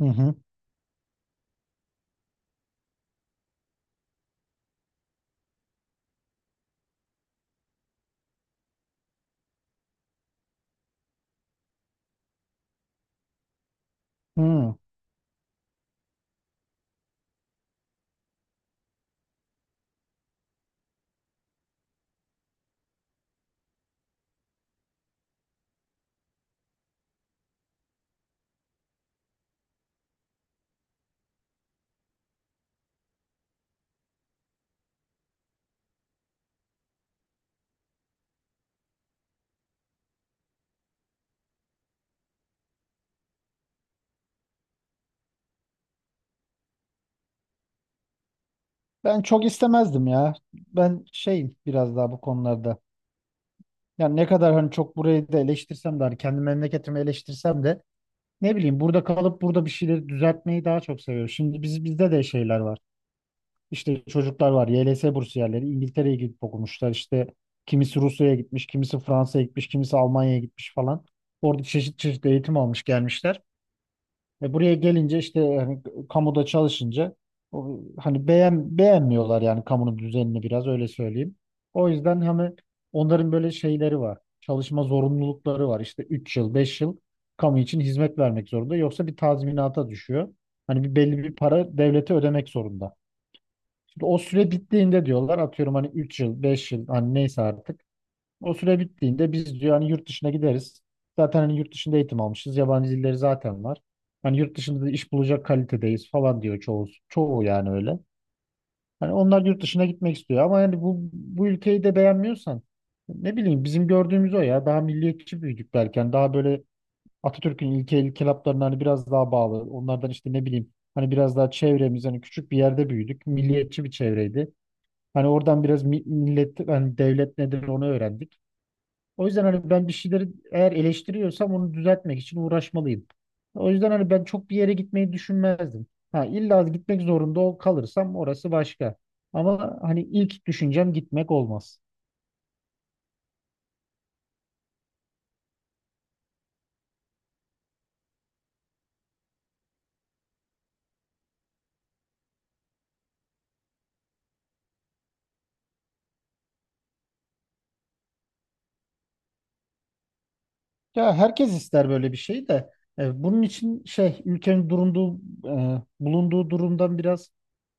Hı hı. Hı. Ben çok istemezdim ya. Ben şeyim biraz daha bu konularda. Yani ne kadar hani çok burayı da eleştirsem de hani kendi memleketimi eleştirsem de ne bileyim burada kalıp burada bir şeyleri düzeltmeyi daha çok seviyorum. Şimdi bizde de şeyler var. İşte çocuklar var. YLS bursiyerleri İngiltere'ye gidip okumuşlar. İşte kimisi Rusya'ya gitmiş, kimisi Fransa'ya gitmiş, kimisi Almanya'ya gitmiş falan. Orada çeşit çeşit eğitim almış gelmişler. Ve buraya gelince işte hani kamuda çalışınca o, hani beğenmiyorlar yani kamunun düzenini biraz öyle söyleyeyim. O yüzden hani onların böyle şeyleri var. Çalışma zorunlulukları var. İşte 3 yıl, 5 yıl kamu için hizmet vermek zorunda. Yoksa bir tazminata düşüyor. Hani bir belli bir para devlete ödemek zorunda. Şimdi o süre bittiğinde diyorlar atıyorum hani 3 yıl, 5 yıl hani neyse artık o süre bittiğinde biz diyor hani yurt dışına gideriz. Zaten hani yurt dışında eğitim almışız. Yabancı dilleri zaten var. Hani yurt dışında da iş bulacak kalitedeyiz falan diyor çoğu yani öyle. Hani onlar yurt dışına gitmek istiyor ama yani bu ülkeyi de beğenmiyorsan ne bileyim bizim gördüğümüz o ya daha milliyetçi büyüdük belki. Yani daha böyle Atatürk'ün ilke ilkelaplarına hani biraz daha bağlı. Onlardan işte ne bileyim hani biraz daha çevremiz hani küçük bir yerde büyüdük. Milliyetçi bir çevreydi. Hani oradan biraz millet hani devlet nedir onu öğrendik. O yüzden hani ben bir şeyleri eğer eleştiriyorsam onu düzeltmek için uğraşmalıyım. O yüzden hani ben çok bir yere gitmeyi düşünmezdim. Ha, illa gitmek zorunda kalırsam orası başka. Ama hani ilk düşüncem gitmek olmaz. Ya herkes ister böyle bir şey de bunun için şey ülkenin bulunduğu durumdan biraz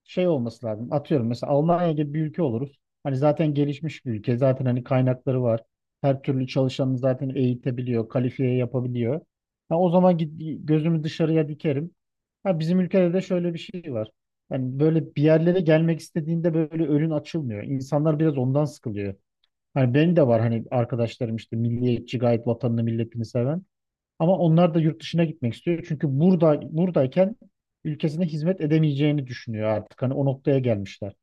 şey olması lazım. Atıyorum mesela Almanya gibi bir ülke oluruz. Hani zaten gelişmiş bir ülke. Zaten hani kaynakları var. Her türlü çalışanı zaten eğitebiliyor, kalifiye yapabiliyor. Ha, o zaman git, gözümü dışarıya dikerim. Ha, bizim ülkede de şöyle bir şey var. Yani böyle bir yerlere gelmek istediğinde böyle önün açılmıyor. İnsanlar biraz ondan sıkılıyor. Hani benim de var hani arkadaşlarım işte milliyetçi, gayet vatanını milletini seven. Ama onlar da yurt dışına gitmek istiyor. Çünkü burada buradayken ülkesine hizmet edemeyeceğini düşünüyor artık. Hani o noktaya gelmişler.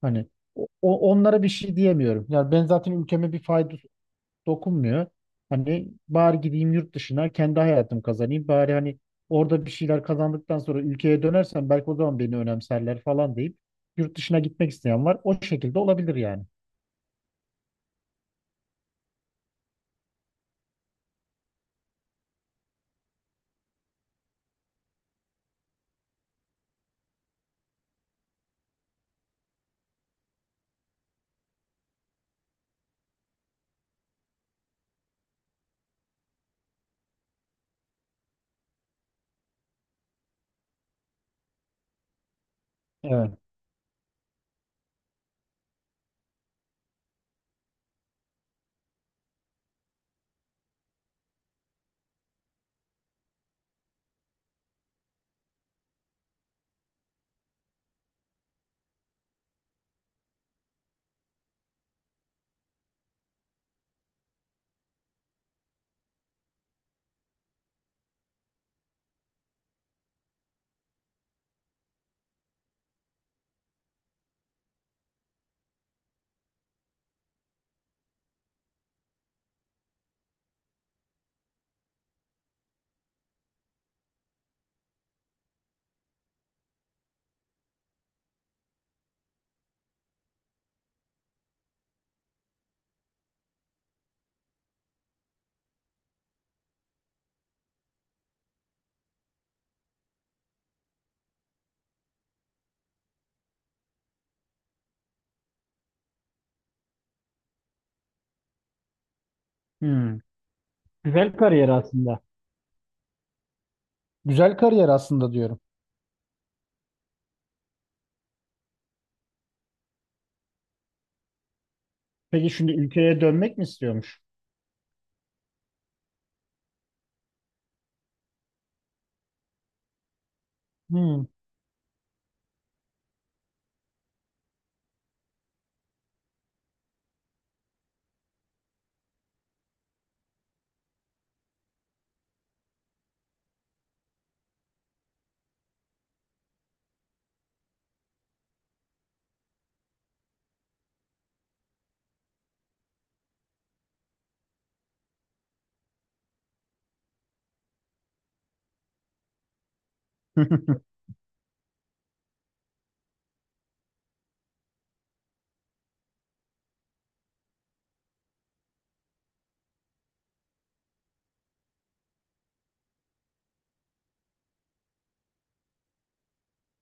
Hani onlara bir şey diyemiyorum. Yani ben zaten ülkeme bir fayda dokunmuyor. Hani bari gideyim yurt dışına kendi hayatımı kazanayım. Bari hani orada bir şeyler kazandıktan sonra ülkeye dönersem belki o zaman beni önemserler falan deyip yurt dışına gitmek isteyen var. O şekilde olabilir yani. Evet. Hmm. Güzel kariyer aslında. Güzel kariyer aslında diyorum. Peki şimdi ülkeye dönmek mi istiyormuş? Hmm.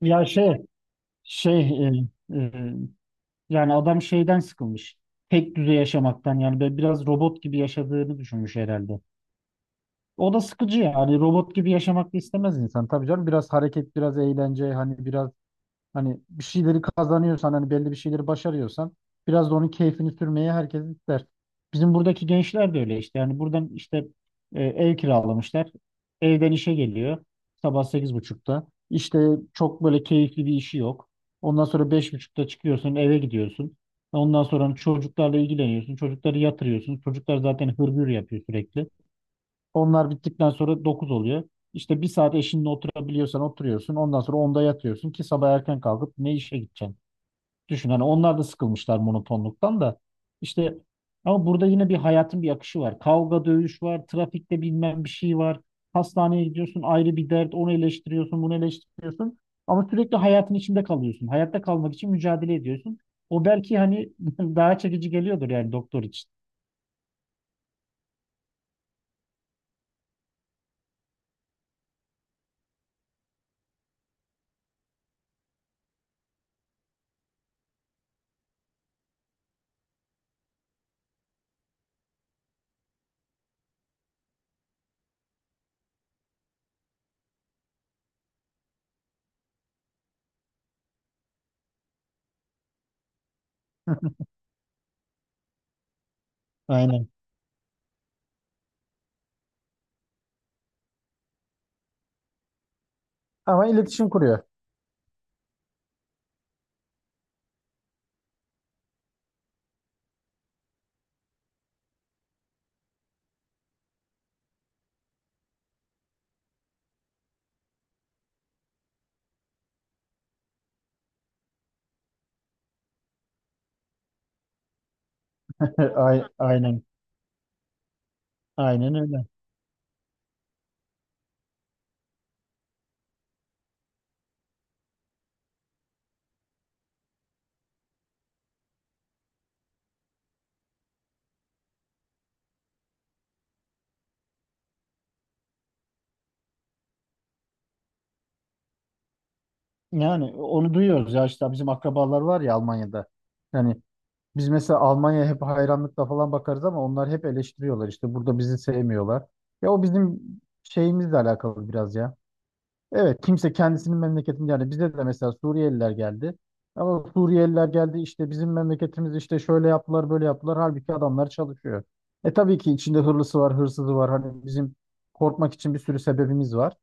Ya şey e, e, yani adam şeyden sıkılmış. Tek düze yaşamaktan yani böyle biraz robot gibi yaşadığını düşünmüş herhalde. O da sıkıcı yani robot gibi yaşamak da istemez insan. Tabii canım biraz hareket, biraz eğlence, hani biraz. Hani bir şeyleri kazanıyorsan hani belli bir şeyleri başarıyorsan biraz da onun keyfini sürmeye herkes ister. Bizim buradaki gençler de öyle işte. Yani buradan işte ev kiralamışlar. Evden işe geliyor. Sabah 8.30'da. İşte çok böyle keyifli bir işi yok. Ondan sonra 5.30'da çıkıyorsun, eve gidiyorsun. Ondan sonra hani çocuklarla ilgileniyorsun. Çocukları yatırıyorsun. Çocuklar zaten hırgür yapıyor sürekli. Onlar bittikten sonra 9 oluyor. İşte bir saat eşinle oturabiliyorsan oturuyorsun. Ondan sonra 10'da yatıyorsun ki sabah erken kalkıp ne işe gideceksin? Düşün, hani onlar da sıkılmışlar monotonluktan da. İşte ama burada yine bir hayatın bir akışı var. Kavga, dövüş var. Trafikte bilmem bir şey var. Hastaneye gidiyorsun, ayrı bir dert. Onu eleştiriyorsun, bunu eleştiriyorsun. Ama sürekli hayatın içinde kalıyorsun. Hayatta kalmak için mücadele ediyorsun. O belki hani daha çekici geliyordur yani doktor için. Aynen. Ama iletişim kuruyor. Aynen. Aynen öyle. Yani onu duyuyoruz ya işte bizim akrabalar var ya Almanya'da. Yani biz mesela Almanya'ya hep hayranlıkla falan bakarız ama onlar hep eleştiriyorlar. İşte burada bizi sevmiyorlar. Ya o bizim şeyimizle alakalı biraz ya. Evet, kimse kendisinin memleketini yani bize de mesela Suriyeliler geldi. Ama Suriyeliler geldi işte bizim memleketimiz işte şöyle yaptılar, böyle yaptılar. Halbuki adamlar çalışıyor. E tabii ki içinde hırlısı var, hırsızı var. Hani bizim korkmak için bir sürü sebebimiz var.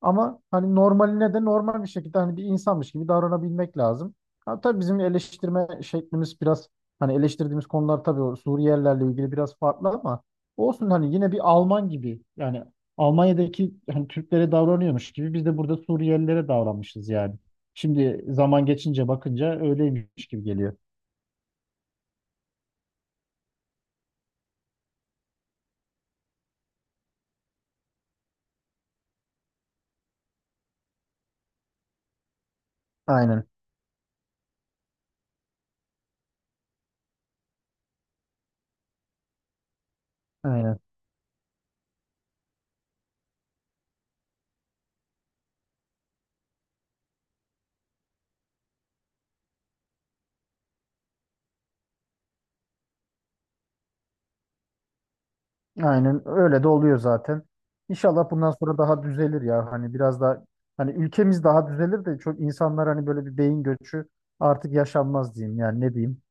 Ama hani normaline de normal bir şekilde hani bir insanmış gibi davranabilmek lazım. Ha, tabii bizim eleştirme şeklimiz biraz hani eleştirdiğimiz konular tabii o Suriyelilerle ilgili biraz farklı ama olsun hani yine bir Alman gibi yani Almanya'daki hani Türklere davranıyormuş gibi biz de burada Suriyelilere davranmışız yani. Şimdi zaman geçince bakınca öyleymiş gibi geliyor. Aynen. Aynen. Aynen öyle de oluyor zaten. İnşallah bundan sonra daha düzelir ya. Hani biraz daha hani ülkemiz daha düzelir de çok insanlar hani böyle bir beyin göçü artık yaşanmaz diyeyim yani ne diyeyim.